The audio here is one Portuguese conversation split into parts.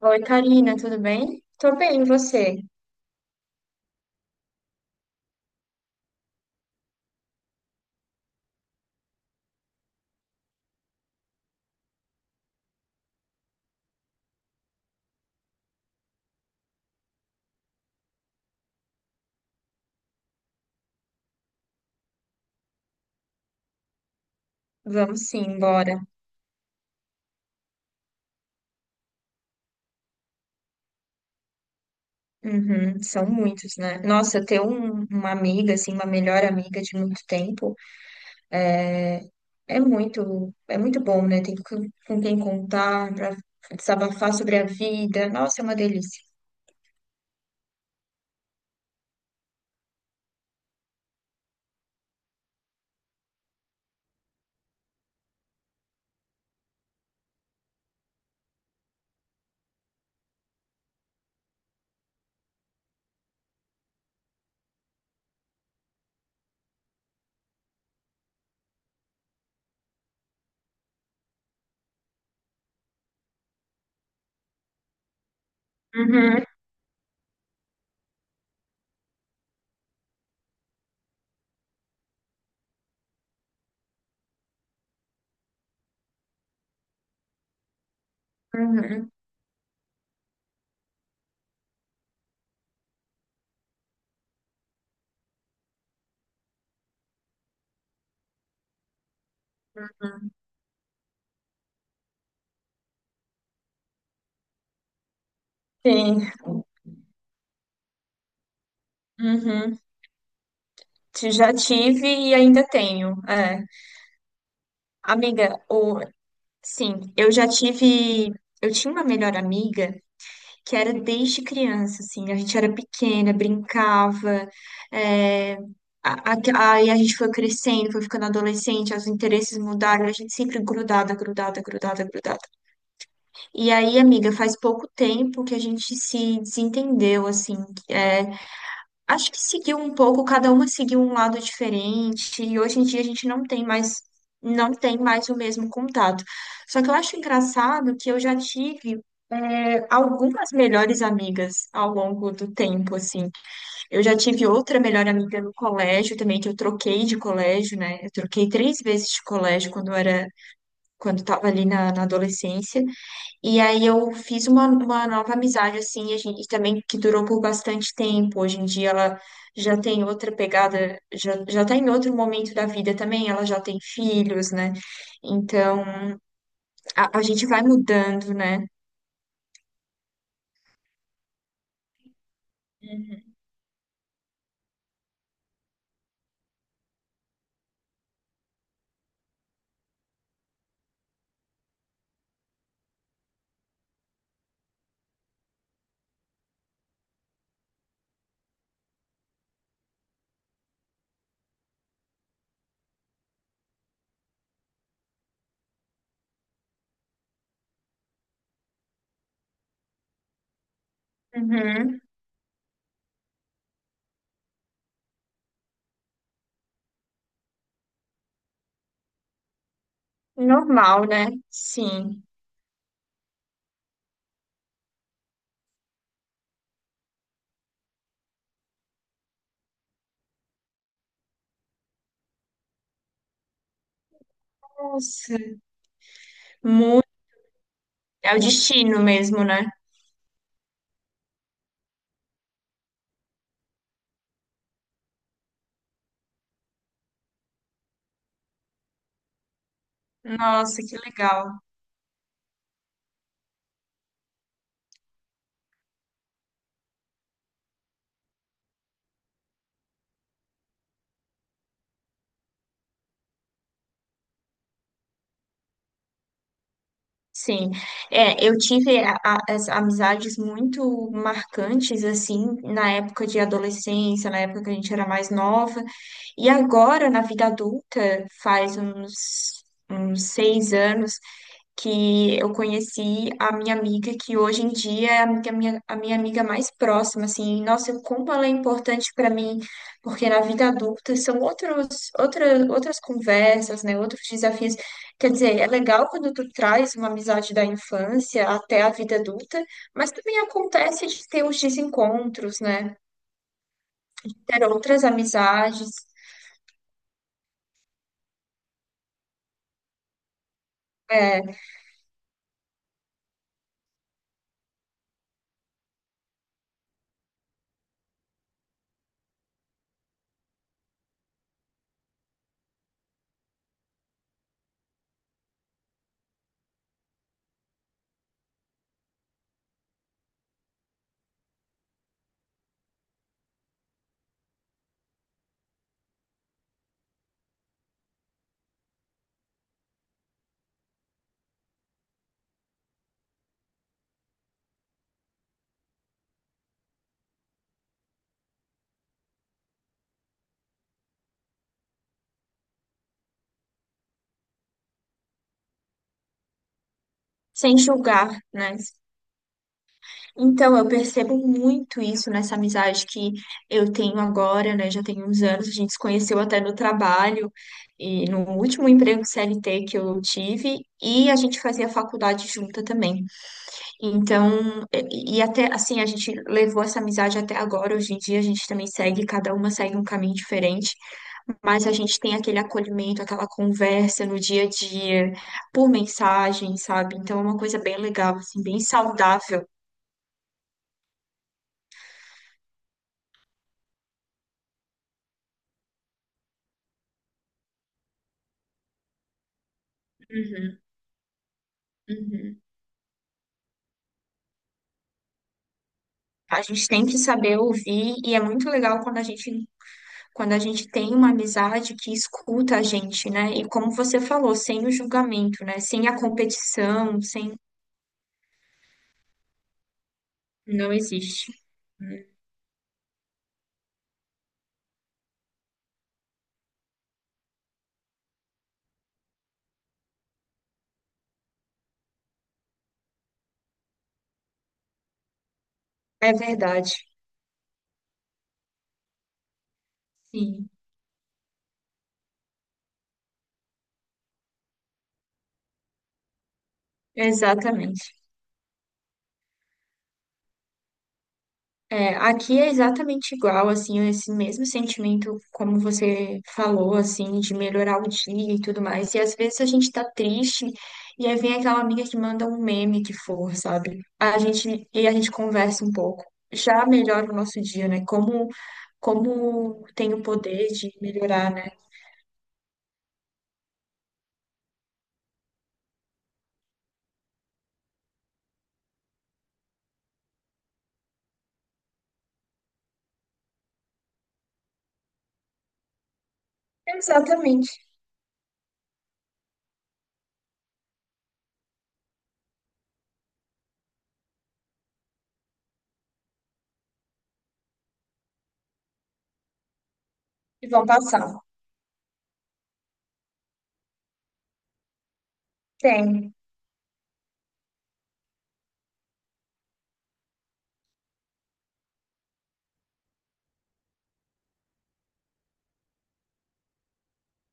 Oi, Karina, tudo bem? Tô bem, e você? Vamos sim, bora. Uhum, são muitos, né? Nossa, uma amiga, assim, uma melhor amiga de muito tempo é, é muito bom, né? Tem com quem contar, pra desabafar sobre a vida. Nossa, é uma delícia. Uhum, uhum. Uhum. Sim. Uhum. Já tive e ainda tenho. É. Amiga, sim, eu já tive. Eu tinha uma melhor amiga que era desde criança, assim, a gente era pequena, brincava, é, aí a gente foi crescendo, foi ficando adolescente, os interesses mudaram, a gente sempre grudada. E aí, amiga, faz pouco tempo que a gente se desentendeu, assim, é, acho que seguiu um pouco, cada uma seguiu um lado diferente, e hoje em dia a gente não tem mais o mesmo contato. Só que eu acho engraçado que eu já tive algumas melhores amigas ao longo do tempo, assim. Eu já tive outra melhor amiga no colégio também, que eu troquei de colégio, né? Eu troquei três vezes de colégio quando estava ali na adolescência. E aí eu fiz uma nova amizade, assim, e a gente também, que durou por bastante tempo. Hoje em dia ela já tem outra pegada, já tá em outro momento da vida também, ela já tem filhos, né? Então, a gente vai mudando, né? Uhum. Normal, né? Sim. Nossa, muito. É o destino mesmo, né? Nossa, que legal. Sim, é, eu tive as amizades muito marcantes, assim, na época de adolescência, na época que a gente era mais nova, e agora, na vida adulta, uns 6 anos, que eu conheci a minha amiga, que hoje em dia é a minha amiga mais próxima, assim, nossa, como ela é importante para mim, porque na vida adulta são outras conversas, né, outros desafios. Quer dizer, é legal quando tu traz uma amizade da infância até a vida adulta, mas também acontece de ter os desencontros, né, ter outras amizades, é, sem julgar, né? Então, eu percebo muito isso nessa amizade que eu tenho agora, né? Já tem uns anos, a gente se conheceu até no trabalho e no último emprego CLT que eu tive, e a gente fazia faculdade junta também. Então, e até assim, a gente levou essa amizade até agora. Hoje em dia, a gente também segue, cada uma segue um caminho diferente. Mas a gente tem aquele acolhimento, aquela conversa no dia a dia, por mensagem, sabe? Então é uma coisa bem legal, assim, bem saudável. Uhum. A gente tem que saber ouvir, e é muito legal quando a gente tem uma amizade que escuta a gente, né? E como você falou, sem o julgamento, né? Sem a competição, sem. Não existe. É verdade. Sim, exatamente. É, aqui é exatamente igual, assim, esse mesmo sentimento, como você falou, assim, de melhorar o dia e tudo mais. E às vezes a gente tá triste e aí vem aquela amiga que manda um meme que for, sabe? E a gente conversa um pouco. Já melhora o nosso dia, né? Como tem o poder de melhorar, né? Exatamente. E vão passar. Tem.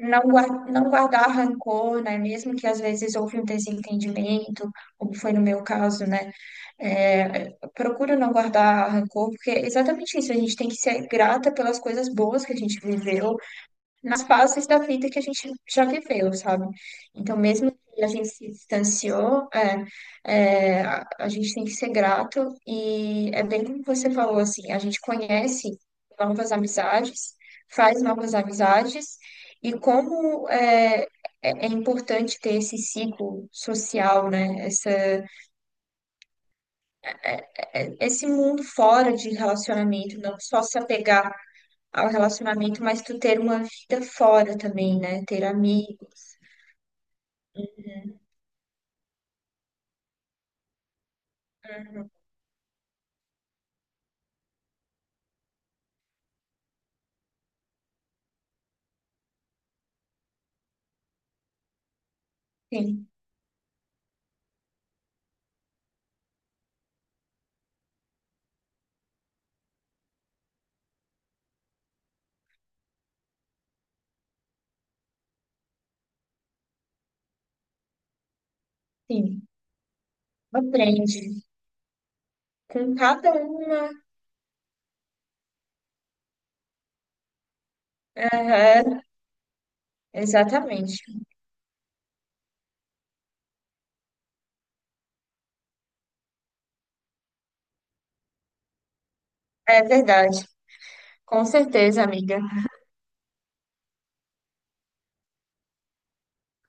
Não guardar, não guardar rancor, né? Mesmo que às vezes houve um desentendimento, como foi no meu caso, né? É, procuro não guardar rancor, porque é exatamente isso, a gente tem que ser grata pelas coisas boas que a gente viveu, nas fases da vida que a gente já viveu, sabe? Então, mesmo que a gente se distanciou, a gente tem que ser grato, e é bem como você falou, assim, a gente conhece novas amizades, faz novas amizades, e como é, é é importante ter esse ciclo social, né? Esse mundo fora de relacionamento, não só se apegar ao relacionamento, mas tu ter uma vida fora também, né? Ter amigos. Uhum, uhum. Sim, sim. Aprende com cada uma. Aham, exatamente. É verdade. Com certeza, amiga.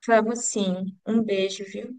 Vamos sim. Um beijo, viu?